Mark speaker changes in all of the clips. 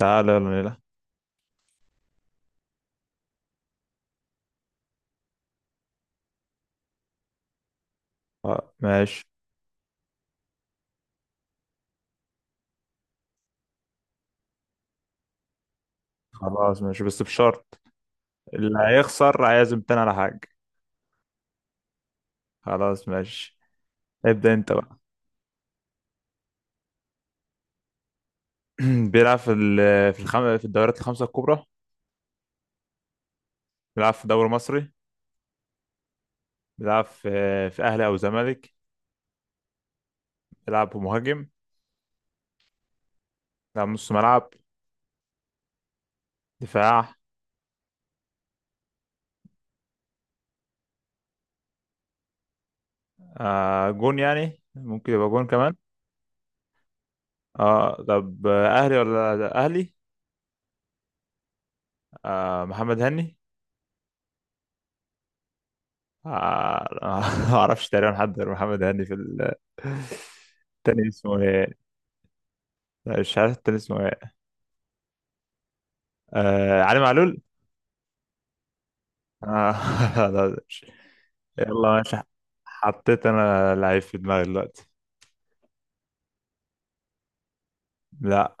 Speaker 1: تعالى يلا نلعب. آه، ماشي. خلاص ماشي بس بشرط. اللي هيخسر هيعزم تاني على حاجة. خلاص ماشي. ابدأ انت بقى. بيلعب في الدوريات الخمسة الكبرى. بيلعب في دوري مصري. بيلعب في أهلي أو زمالك. بيلعب مهاجم. بيلعب نص ملعب. دفاع. جون يعني، ممكن يبقى جون كمان. اه طب، أهلي ولا أهلي؟ محمد هني. آه ما أعرفش تقريبا حد غير محمد هني. تاني اسمه ايه؟ مش عارف التاني اسمه ايه. علي معلول. لا. يلا ماشي. حطيت انا لعيب في دماغي دلوقتي. لا.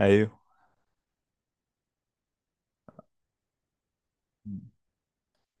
Speaker 1: ايوه.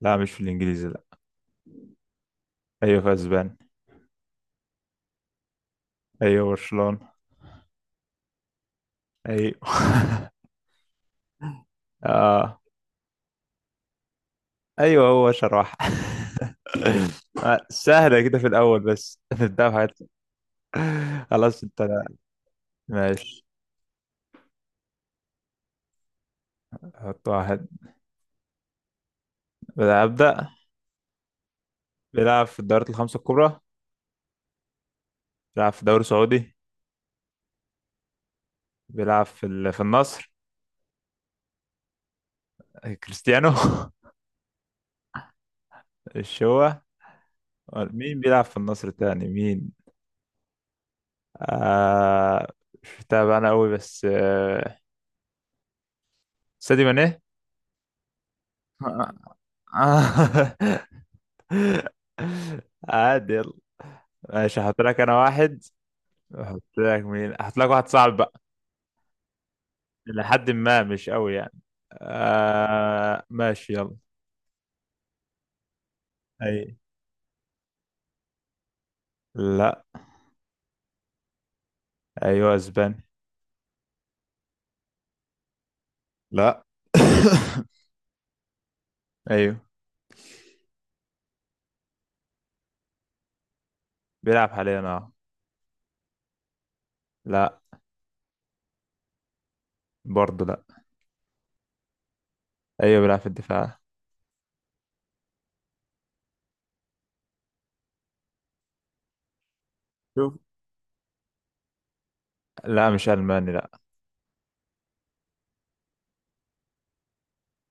Speaker 1: لا مش في الانجليزي، لا. ايوه في اسبانيا. ايوه برشلونة. ايوه. اه. ايوه هو شراح. آه، سهلة كده في الاول بس نبدأ بحاجات. خلاص انت، لا. ماشي. حط واحد. ابدأ. بيلعب في الدوريات الخمسة الكبرى. بيلعب في دوري سعودي. بيلعب في النصر. كريستيانو الشوة. مين بيلعب في النصر تاني، مين؟ آه. مش متابع انا قوي بس. سادي ماني. آه. عادي يلا. ماشي، هحط لك انا واحد. احط لك مين، احط لك واحد صعب بقى. لحد ما مش قوي يعني. آه ماشي يلا. اي. لا. ايوه اسباني. لا. ايوه. بيلعب حاليا، اه. لا. برضه. لا ايوه، بيلعب في الدفاع. شوف. لا مش الماني، لا.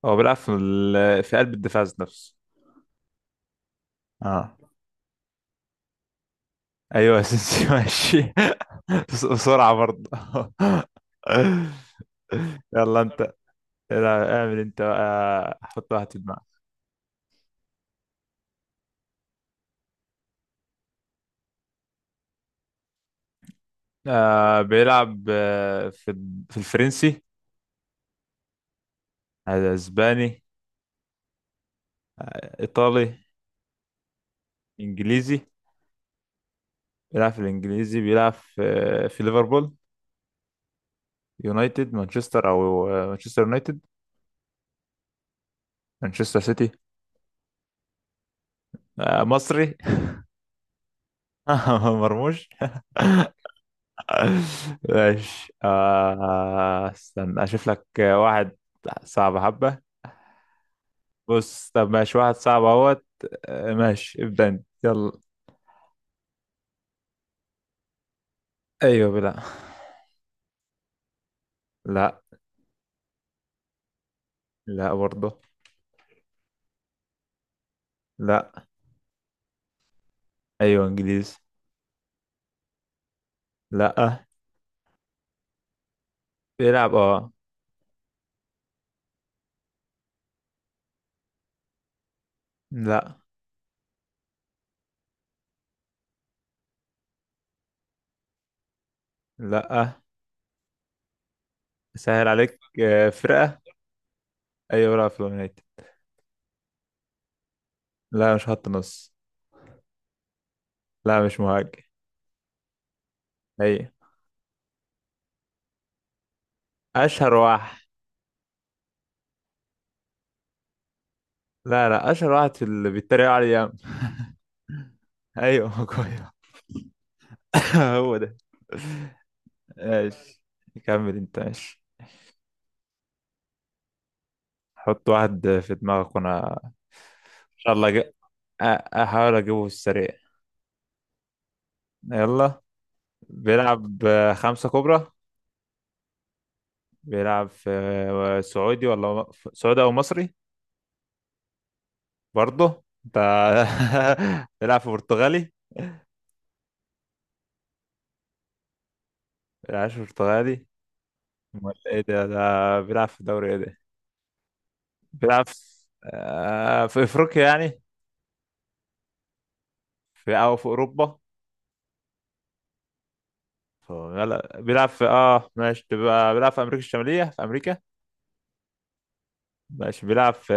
Speaker 1: هو بيلعب في قلب الدفاع ذات نفسه. اه. ايوه اسينسيو ماشي. بسرعة برضه. يلا انت. اعمل انت بقى، حط واحد في دماغك. بيلعب في الفرنسي. آه، اسباني؟ ايطالي؟ انجليزي؟ بيلعب في الانجليزي، بيلعب في ليفربول. يونايتد مانشستر او آه، مانشستر يونايتد. مانشستر سيتي. مصري. مرموش. ماشي، استنى اشوف لك واحد. صعب حبة. بص طب ماشي، واحد صعب اهوت. آه، ماشي ابدأ انت يلا. ايوه بلا. لا. لا برضه. لا. ايوه انجليزي. لا. بيلعب اه. لا لا. سهل عليك، فرقة. ايوه بيلعب في اليونايتد. لا مش خط نص. لا مش مهاجم. ايوه. اشهر واحد. لا لا، اشهر واحد في اللي بيتريقوا عليه ياما. ايوه كويس. هو ده. ايش؟ كمل انت، ماشي. حط واحد في دماغك وانا ان شاء الله أ- احاول اجيبه في السريع. يلا. بيلعب. خمسة كبرى. بيلعب في. سعودي ولا. سعودي او مصري؟ برضه انت. بيلعب في برتغالي. بيلعبش برتغالي. امال ايه ده بيلعب في دوري ايه، ده؟ بيلعب في. في افريقيا يعني. في اوروبا. لا بيلعب في، ماشي، تبقى بيلعب في امريكا الشمالية، في امريكا. ماشي بيلعب في.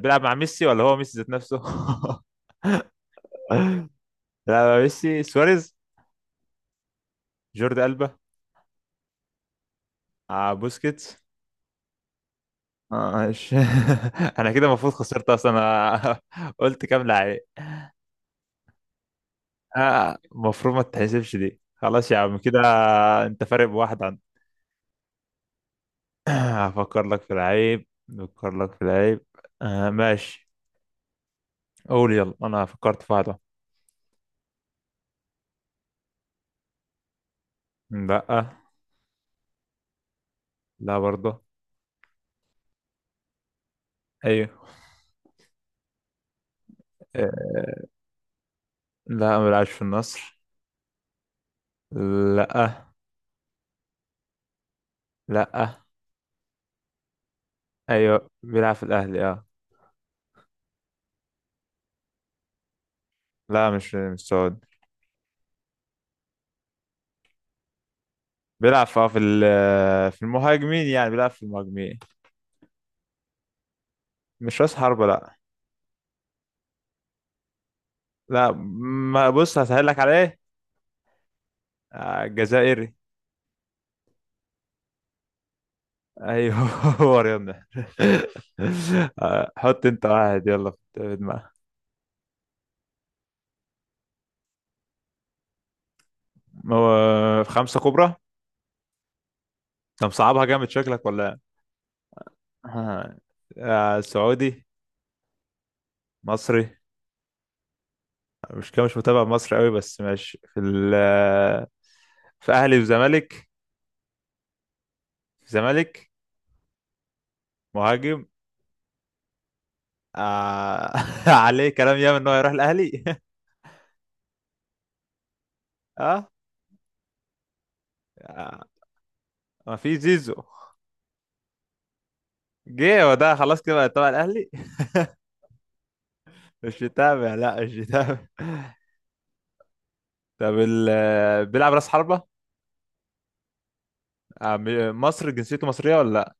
Speaker 1: بيلعب مع ميسي ولا هو ميسي ذات نفسه؟ بيلعب مع ميسي، سواريز؟ جوردي ألبا؟ بوسكيتس؟ آه، ماشي. انا كده المفروض خسرت اصلا انا قلت كام لعيب. آه، المفروض ما تتحسبش دي، خلاص يا عم كده. انت فارق بواحد عن. هفكر لك في لعيب. هفكر لك في لعيب. آه ماشي. قول يلا، انا فكرت في واحدة. لا. لا برضه. ايوه. آه، لا، ما بيلعبش في النصر. لا. لا. ايوه بيلعب في الاهلي اه. لا مش سعودي. بيلعب في المهاجمين، يعني بيلعب في المهاجمين. مش راس حربة، لا. لا. ما بص هسهل لك على ايه. الجزائري. ايوه. هو رياض محرز. آه، حط انت واحد يلا في دماغك. هو. في خمسة كبرى. طب صعبها جامد شكلك، ولا إيه؟ آه. سعودي. مصري. مش كده، مش متابع مصر قوي بس ماشي في ال- آه، في اهلي وزمالك. في زمالك. مهاجم. آه. عليه كلام ياما ان هو يروح الاهلي اه. آه، ما في زيزو. جه هو ده، خلاص كده بقى تبع الاهلي مش متابع، لا مش متابع طب بيلعب راس حربة. مصر جنسيته مصرية ولا لا؟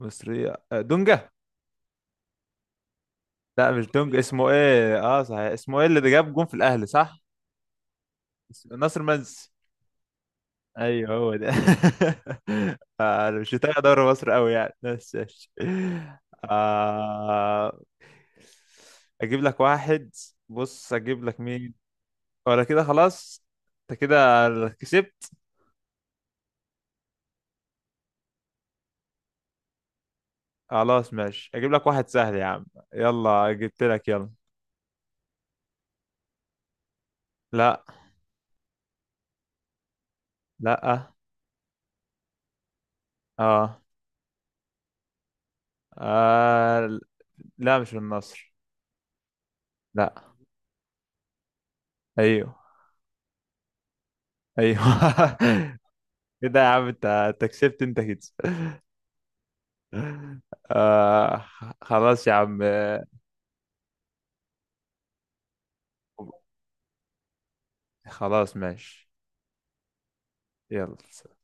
Speaker 1: مصرية، دونجا. لا مش دونجا، اسمه ايه؟ اه صحيح اسمه ايه اللي ده جاب جون في الاهلي صح؟ ناصر منسي. ايوه هو ده. انا مش متابع دوري مصر قوي يعني بس ماشي. آه، اجيب لك واحد. بص اجيب لك مين. ولا كده خلاص. انت كده. كسبت. خلاص ماشي اجيب لك واحد سهل يا عم. يلا جبت لك يلا. لا. لا. اه. آه. لا مش من النصر. لا. ايوه. ايوه. كده يا عم، انت كسبت انت كده. آه. خلاص يا عم. خلاص ماشي يلا.